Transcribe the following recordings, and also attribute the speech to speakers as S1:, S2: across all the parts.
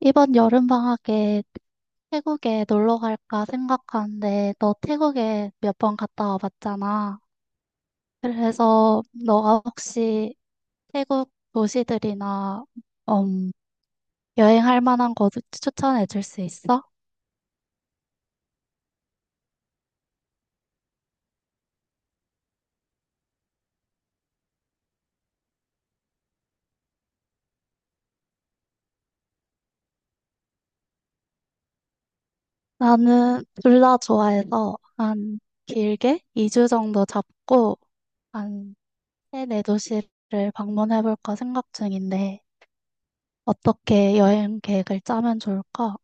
S1: 이번 여름방학에 태국에 놀러 갈까 생각하는데, 너 태국에 몇 번 갔다 와봤잖아. 그래서 너가 혹시 태국 도시들이나, 음, 여행할 만한 곳 추천해 줄 수 있어? 나는 둘 다 좋아해서 한 길게 2주 정도 잡고 한 세네 도시를 방문해 볼까 생각 중인데, 어떻게 여행 계획을 짜면 좋을까?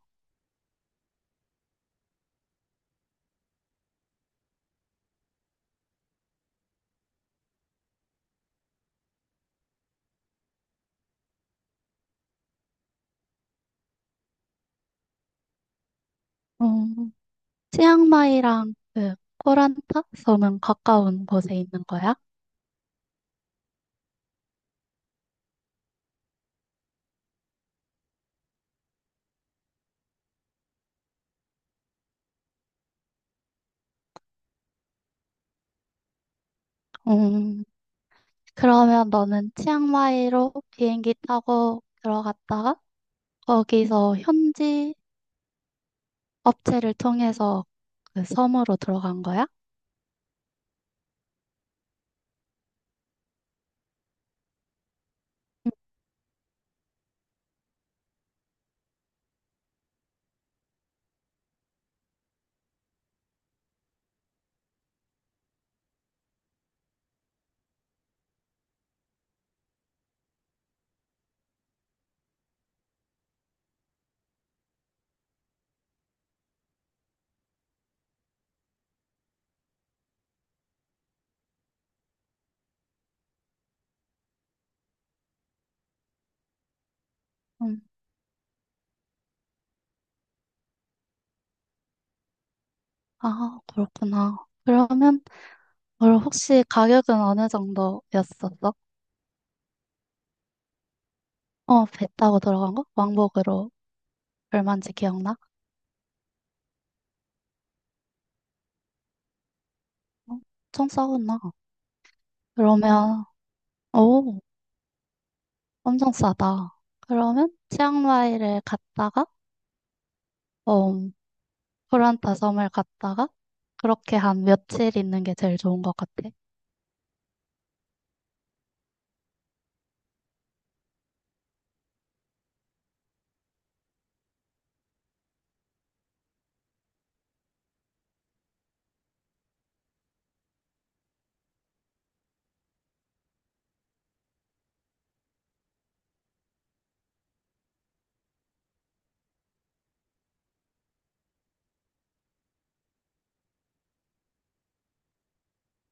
S1: 음, 치앙마이랑 그 코란타 섬은 가까운 곳에 있는 거야? 음, 그러면 너는 치앙마이로 비행기 타고 들어갔다가 거기서 현지 업체를 통해서 그 섬으로 들어간 거야? 음, 아, 그렇구나. 그러면 그럼 혹시 가격은 어느 정도였었어? 어, 배 타고 들어간 거? 왕복으로 얼마인지 기억나? 어, 엄청 싸구나. 그러면 오. 엄청 싸다. 그러면 치앙마이를 갔다가, 어, 프란타 섬을 갔다가, 그렇게 한 며칠 있는 게 제일 좋은 것 같아.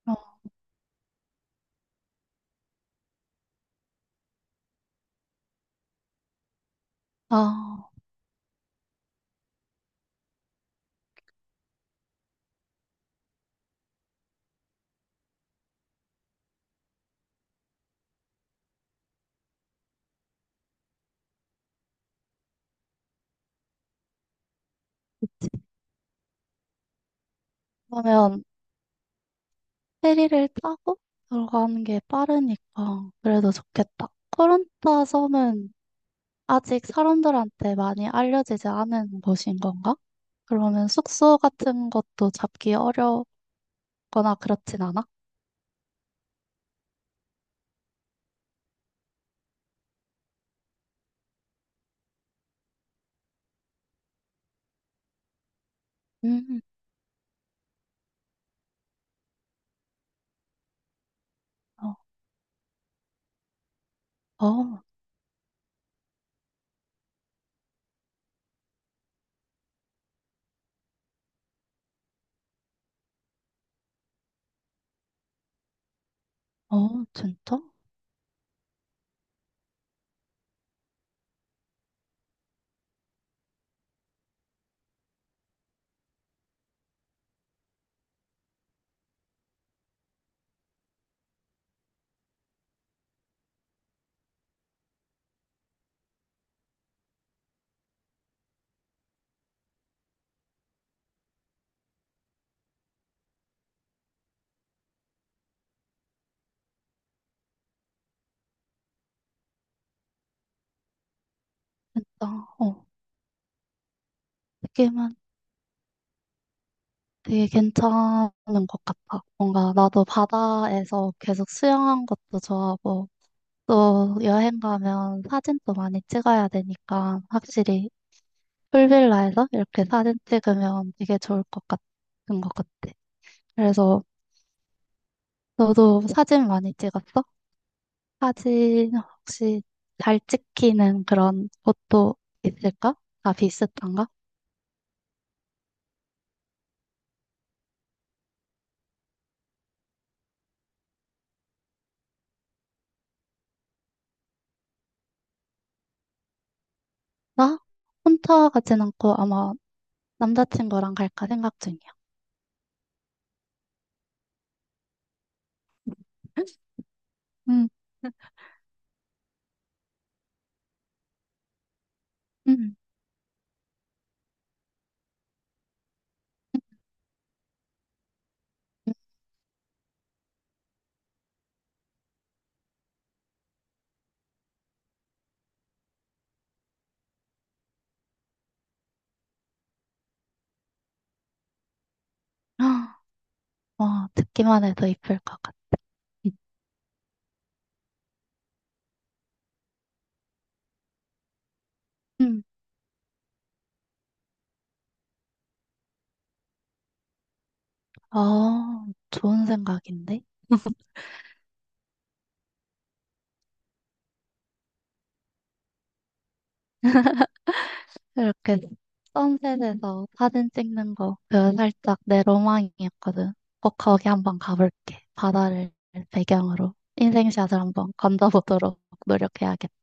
S1: 어, 아, 그러면 페리를 타고 들어가는 게 빠르니까 그래도 좋겠다. 코란타 섬은 아직 사람들한테 많이 알려지지 않은 곳인 건가? 그러면 숙소 같은 것도 잡기 어렵거나 그렇진 않아? 음, 어, 어, 어, 진짜? 진짜, 어. 되게 되게 괜찮은 것 같아. 뭔가 나도 바다에서 계속 수영한 것도 좋아하고, 또 여행 가면 사진도 많이 찍어야 되니까, 확실히 풀빌라에서 이렇게 사진 찍으면 되게 좋을 것 같은 것 같아. 그래서 너도 사진 많이 찍었어? 사진 혹시 잘 찍히는 그런 곳도 있을까? 다 비슷한가? 나 혼자 가진 않고 아마 남자친구랑 갈까 생각 중이야. 음, 음. 헉, 와, 듣기만 해도 이쁠 것 같아. 응, 아, 좋은 생각인데? 이렇게 선셋에서 사진 찍는 거, 그 살짝 내 로망이었거든. 꼭 거기 한번 가볼게. 바다를 배경으로 인생샷을 한번 건져보도록 노력해야겠다.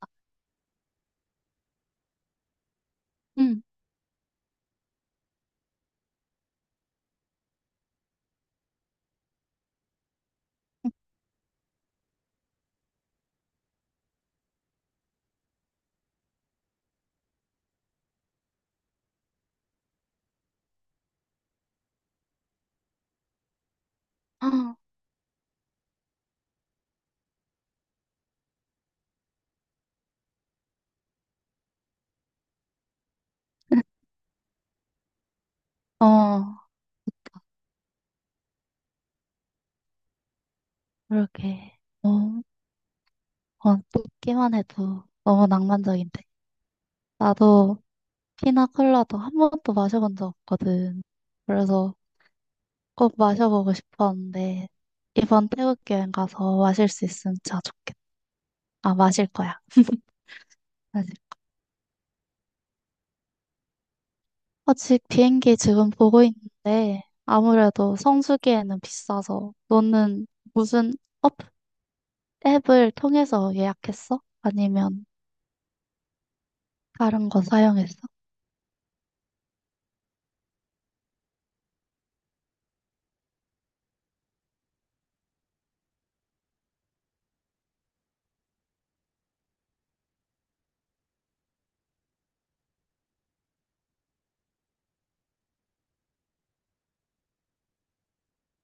S1: 응. 아, 어, 그러게. 어, 어, 듣기만 해도 너무 낭만적인데. 나도 피나 콜라도 한 번도 마셔본 적 없거든. 그래서 꼭 마셔보고 싶었는데, 이번 태국 여행 가서 마실 수 있으면 진짜 좋겠다. 아, 마실 거야. 사실. 아직 비행기 지금 보고 있는데, 아무래도 성수기에는 비싸서, 너는 무슨 업, 앱을 통해서 예약했어? 아니면 다른 거 사용했어?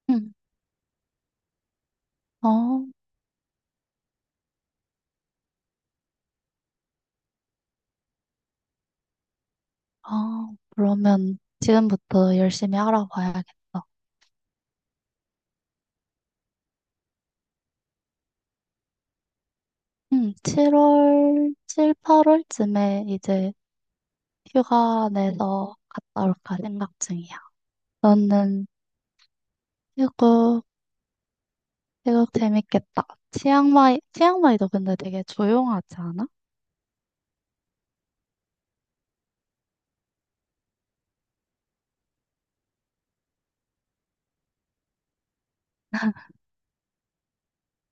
S1: 응. 어, 아, 그러면 지금부터 열심히 알아봐야겠다. 응, 7월, 7, 8월쯤에 이제 휴가 내서 갔다 올까 생각 중이야. 너는 태국, 태국 재밌겠다. 치앙마이도 근데 되게 조용하지 않아?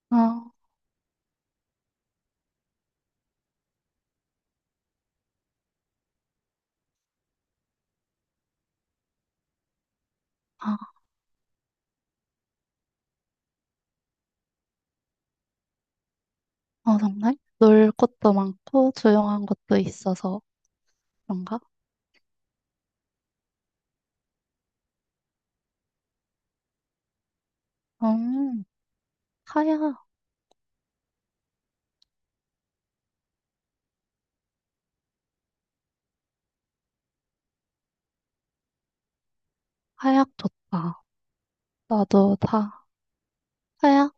S1: 어, 아, 어, 정말? 놀 곳도 많고 조용한 곳도 있어서 그런가? 음, 하약, 하약 좋다. 나도 다 하약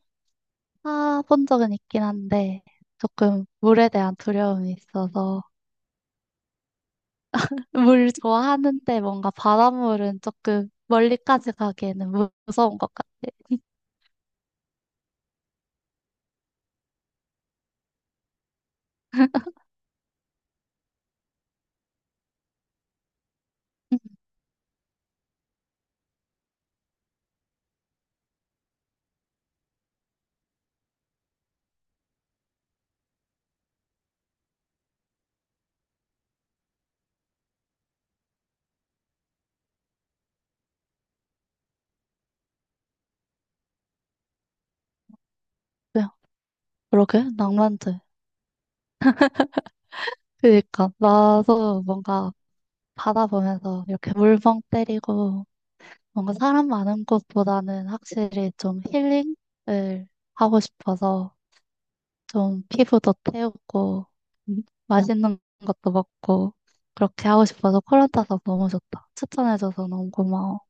S1: 타본 적은 있긴 한데 조금 물에 대한 두려움이 있어서 물 좋아하는데 뭔가 바닷물은 조금 멀리까지 가기에는 무서운 것 같아. 음, 그러게, 낭만적이다. 그니까 나도 뭔가 바다 보면서 이렇게 물멍 때리고 뭔가 사람 많은 곳보다는 확실히 좀 힐링을 하고 싶어서 좀 피부도 태우고 맛있는 것도 먹고 그렇게 하고 싶어서 코란 따서 너무 좋다. 추천해줘서 너무 고마워.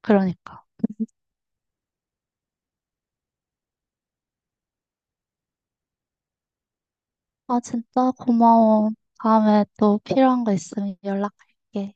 S1: 그러니까. 아 진짜 고마워. 다음에 또 필요한 거 있으면 연락할게.